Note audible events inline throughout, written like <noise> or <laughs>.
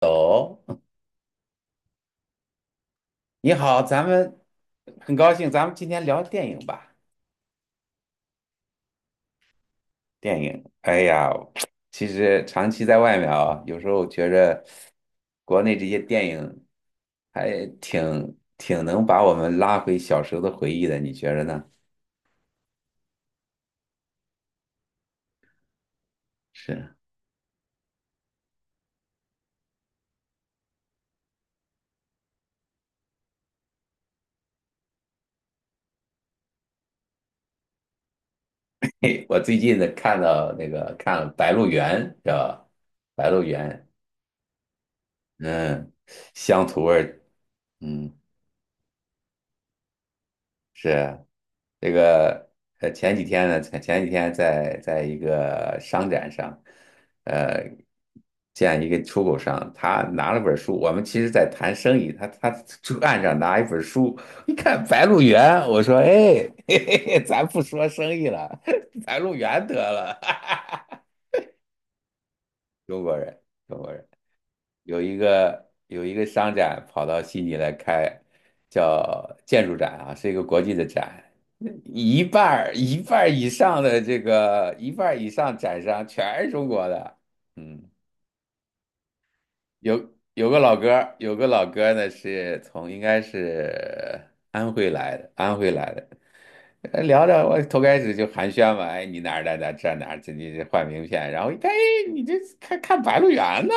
哦，你好，咱们今天聊电影吧。电影，哎呀，其实长期在外面啊，有时候觉着国内这些电影还挺能把我们拉回小时候的回忆的，你觉着呢？是。<laughs> 嘿，我最近呢看到看了《白鹿原》，是吧？《白鹿原》，嗯，乡土味儿，嗯。是这个前几天呢，前几天在一个商展上，呃，见一个出口商，他拿了本书，我们其实在谈生意，他就岸上拿一本书，一看《白鹿原》，我说，哎，<laughs> 嘿嘿嘿，咱不说生意了。<laughs>《白鹿原》得了。<laughs> 中国人，中国人。有一个商展跑到悉尼来开，叫建筑展啊，是一个国际的展，一半儿以上展商全是中国的，嗯，有个老哥儿呢是从应该是安徽来的，安徽来的。呃聊着，我头开始就寒暄嘛，哎，你哪儿的？哪这哪儿？这你这换名片，然后一看，哎，你这看看《白鹿原》呢？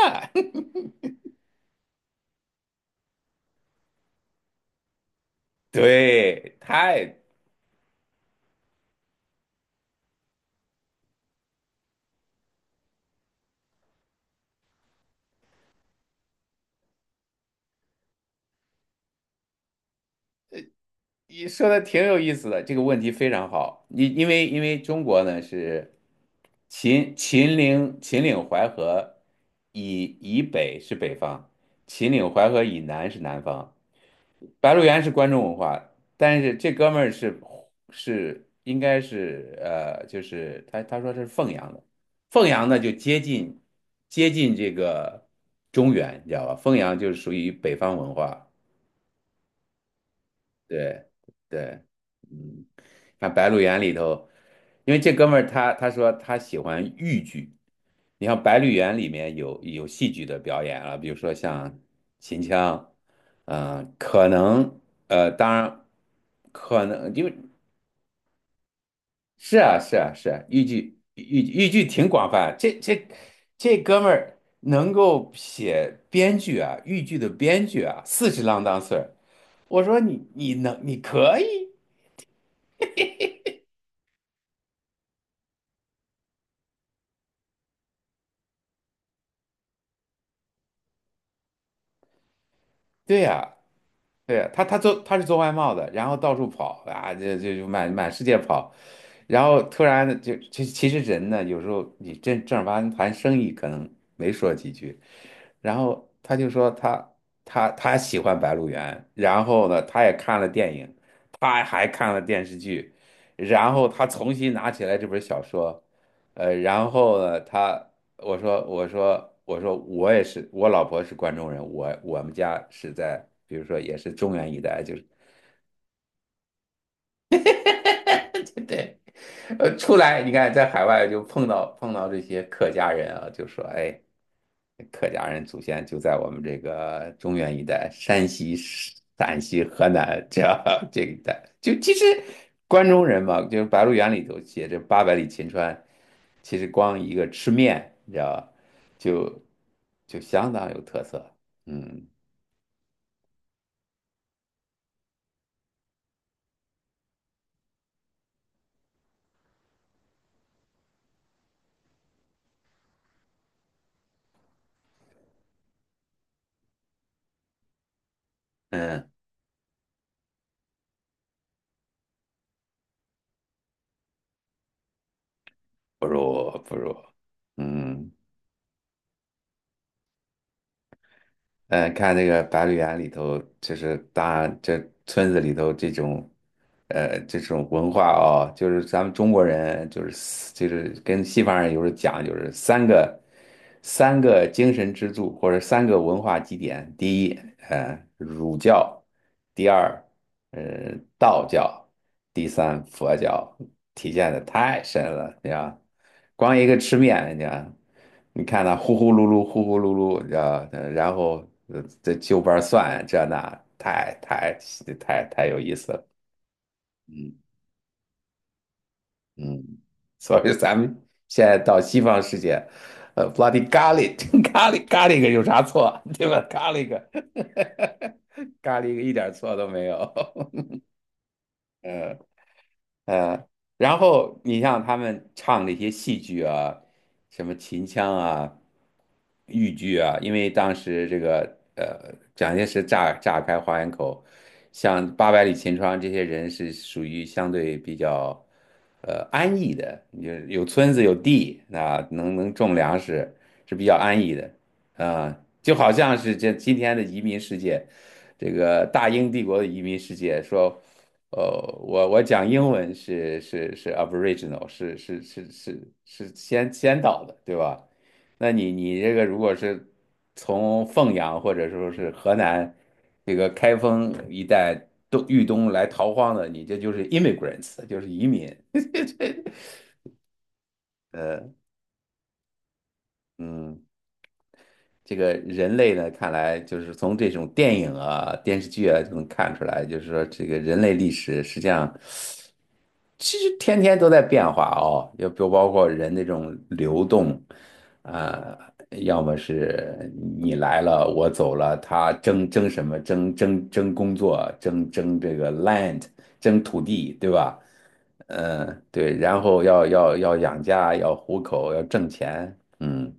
<laughs> 对，太你说的挺有意思的，这个问题非常好。你因为中国呢是秦岭淮河以北是北方，秦岭淮河以南是南方。白鹿原是关中文化，但是这哥们儿是应该是就是他说是凤阳的，凤阳呢就接近这个中原，你知道吧？凤阳就是属于北方文化。对对，嗯，看《白鹿原》里头，因为这哥们儿他说他喜欢豫剧，你像《白鹿原》里面有戏剧的表演啊，比如说像秦腔，嗯、可能当然可能因为是啊是啊是啊，豫剧挺广泛，这哥们儿能够写编剧啊，豫剧的编剧啊，四十郎当岁儿，我说你可以，对呀、对呀、他是做外贸的，然后到处跑啊，就满世界跑，然后突然就其实人呢，有时候你正儿八经谈生意可能没说几句，然后他就说他喜欢《白鹿原》，然后呢，他也看了电影，他还看了电视剧，然后他重新拿起来这本小说，然后呢，他。我说我也是，我老婆是关中人，我们家是在比如说也是中原一带，就是。 <laughs> 对，呃，出来你看，在海外就碰到这些客家人啊，就说，哎，客家人祖先就在我们这个中原一带，山西、陕西、河南这 <laughs> 这一带，就其实关中人嘛，就是《白鹿原》里头写着八百里秦川，其实光一个吃面，你知道吧，就就相当有特色，嗯嗯，不如不如，嗯。嗯，呃看那个《白鹿原》里头，就是大这村子里头这种，呃，这种文化哦，就是咱们中国人就是四就是跟西方人有时候讲，就是三个精神支柱或者三个文化基点，第一，呃，儒教，第二，呃，道教，第三，佛教，体现的太深了，你知道，光一个吃面，你知道你看他呼呼噜噜，呼呼噜噜，啊，然后这就瓣蒜这那，太太太太有意思了，嗯嗯。所以咱们现在到西方世界，呃，bloody garlic。<laughs> 咖喱个有啥错，对吧？咖喱个，<laughs> 咖喱个一点错都没有。呃，然后你像他们唱那些戏剧啊，什么秦腔啊、豫剧啊，因为当时这个呃，蒋介石炸开花园口，像八百里秦川这些人是属于相对比较呃安逸的，有村子有地，那能种粮食是比较安逸的。啊，就好像是这今天的移民世界，这个大英帝国的移民世界，说，呃，我讲英文是是是 Aboriginal，是先先导的，对吧？那你你这个如果是从凤阳或者说是河南这个开封一带东豫东来逃荒的，你这就是 immigrants，就是移民，呃嗯。这个人类呢，看来就是从这种电影啊、电视剧啊就能看出来，就是说这个人类历史实际上其实天天都在变化哦，要不包括人那种流动，啊、要么是你来了我走了，他争争什么？争争工作，争争这个 land，争土地，对吧？嗯，对，然后要养家，要糊口，要挣钱，嗯。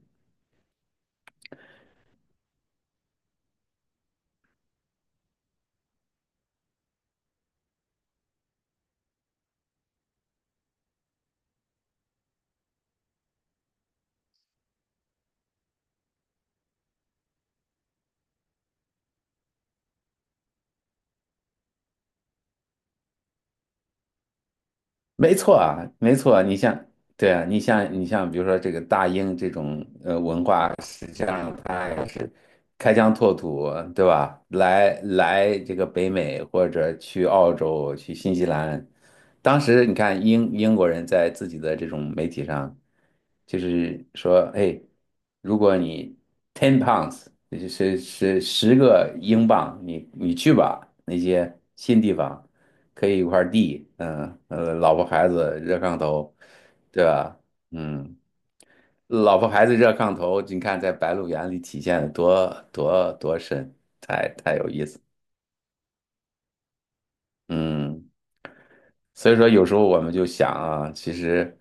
没错啊，没错啊你像，对啊，你像，比如说这个大英这种呃文化，实际上它也是开疆拓土，对吧？来这个北美或者去澳洲、去新西兰，当时你看英国人在自己的这种媒体上，就是说，哎，如果你 ten pounds，就10英镑，你你去吧那些新地方。可以一块地，嗯，呃，老婆孩子热炕头，对吧？嗯，老婆孩子热炕头，你看在《白鹿原》里体现的多深，太太有意思。嗯，所以说有时候我们就想啊，其实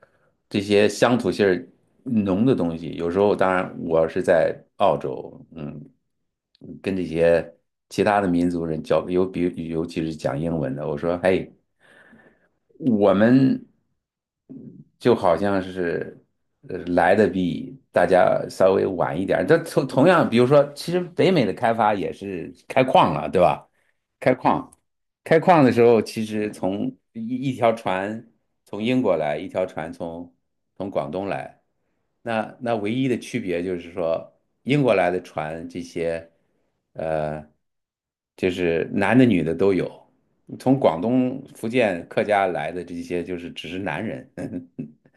这些乡土性儿浓的东西，有时候当然我是在澳洲，嗯，跟这些其他的民族人交，尤其是讲英文的，我说，嘿。我们就好像是呃来的比大家稍微晚一点儿。这同样，比如说，其实北美的开发也是开矿了，对吧？开矿，开矿的时候，其实从一一条船从英国来，一条船从广东来。那那唯一的区别就是说，英国来的船这些，呃，就是男的女的都有。从广东、福建客家来的这些，就是只是男人。<laughs>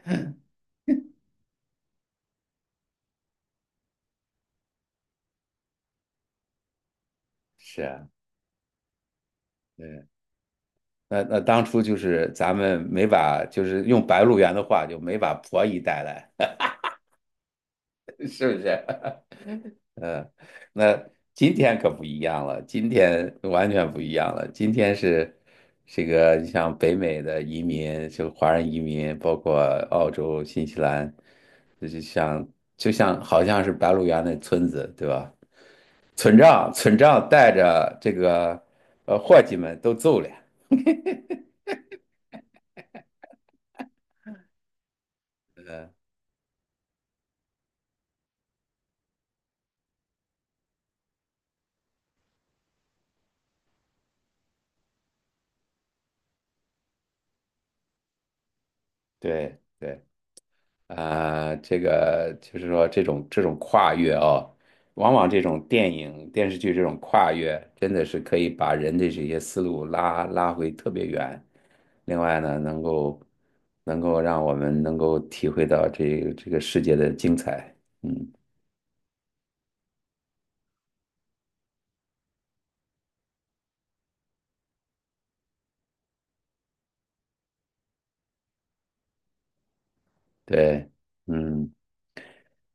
是啊，对。那那当初就是咱们没把，就是用白鹿原的话，就没把婆姨带来，<laughs> 是不是？嗯，那今天可不一样了，今天完全不一样了。今天是这个，你像北美的移民，就华人移民，包括澳洲、新西兰，这就像就像好像是白鹿原那村子，对吧？村长带着这个呃伙计们都走了，对。对呃，这个就是说这种这种跨越哦，往往这种电影电视剧这种跨越，真的是可以把人的这些思路拉拉回特别远。另外呢，能够让我们能够体会到这个世界的精彩。嗯，对，嗯。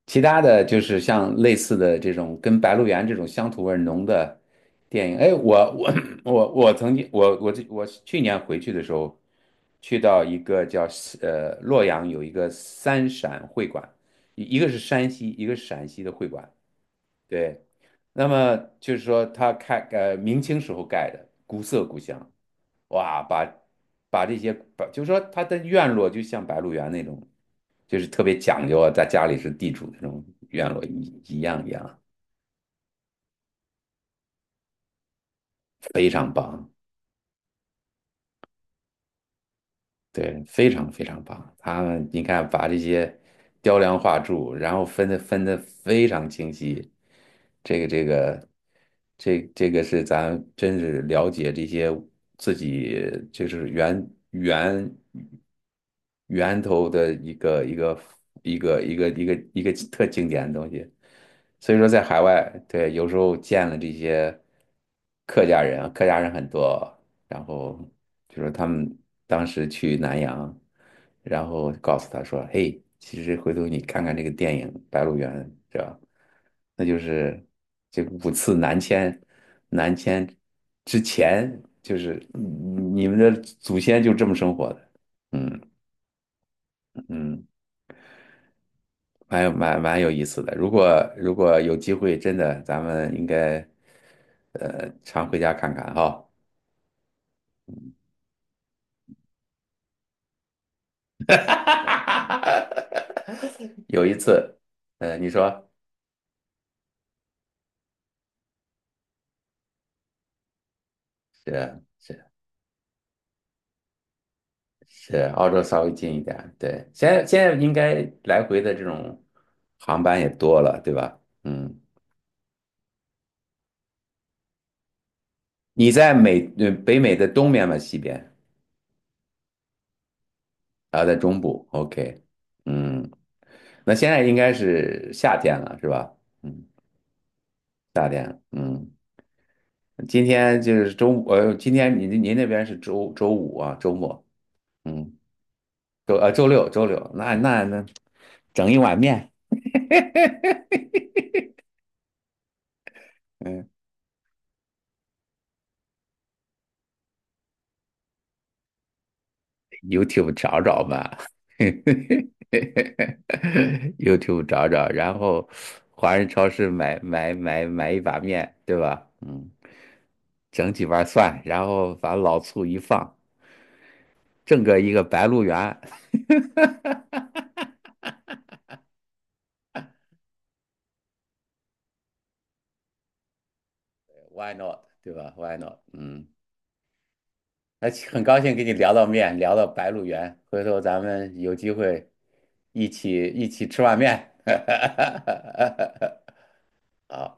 其他的就是像类似的这种跟《白鹿原》这种乡土味儿浓的电影，哎，<clears throat> 我我曾经我我这我去年回去的时候，去到一个叫呃洛阳有一个三陕会馆，一个是山西，一个是陕西的会馆，对，那么就是说它开呃明清时候盖的，古色古香，哇，把这些把就是说它的院落就像《白鹿原》那种。就是特别讲究啊，在家里是地主那种院落一样，非常棒。对，非常非常棒。他们你看，把这些雕梁画柱，然后分的非常清晰。这个这个这个是咱真是了解这些自己就是源源头的一个特经典的东西。所以说，在海外，对，有时候见了这些客家人啊，客家人很多，然后就说他们当时去南阳，然后告诉他说："嘿，其实回头你看看这个电影《白鹿原》，是吧？那就是这5次南迁，南迁之前就是嗯你们的祖先就这么生活的。"嗯嗯，蛮有意思的。如果有机会，真的咱们应该呃常回家看看哈。<laughs> 哈，有一次，呃，你说是是是，澳洲稍微近一点，对，现在应该来回的这种航班也多了，对吧？嗯，你在美，呃，北美的东边吗？西边？啊，在中部，OK，嗯，那现在应该是夏天了，是吧？嗯嗯，今天就是周五，呃，今天您那边是周五啊，周末，嗯周六，那那那整一碗面，嗯，YouTube 找找吧。 <laughs>，YouTube 找找，然后华人超市买一把面，对吧？嗯，整几瓣蒜，然后把老醋一放，整个一个白鹿原。 <laughs>，Why not？对吧？Why not？嗯。那很高兴跟你聊到面，聊到白鹿原，回头咱们有机会一起吃碗面。<laughs> 好。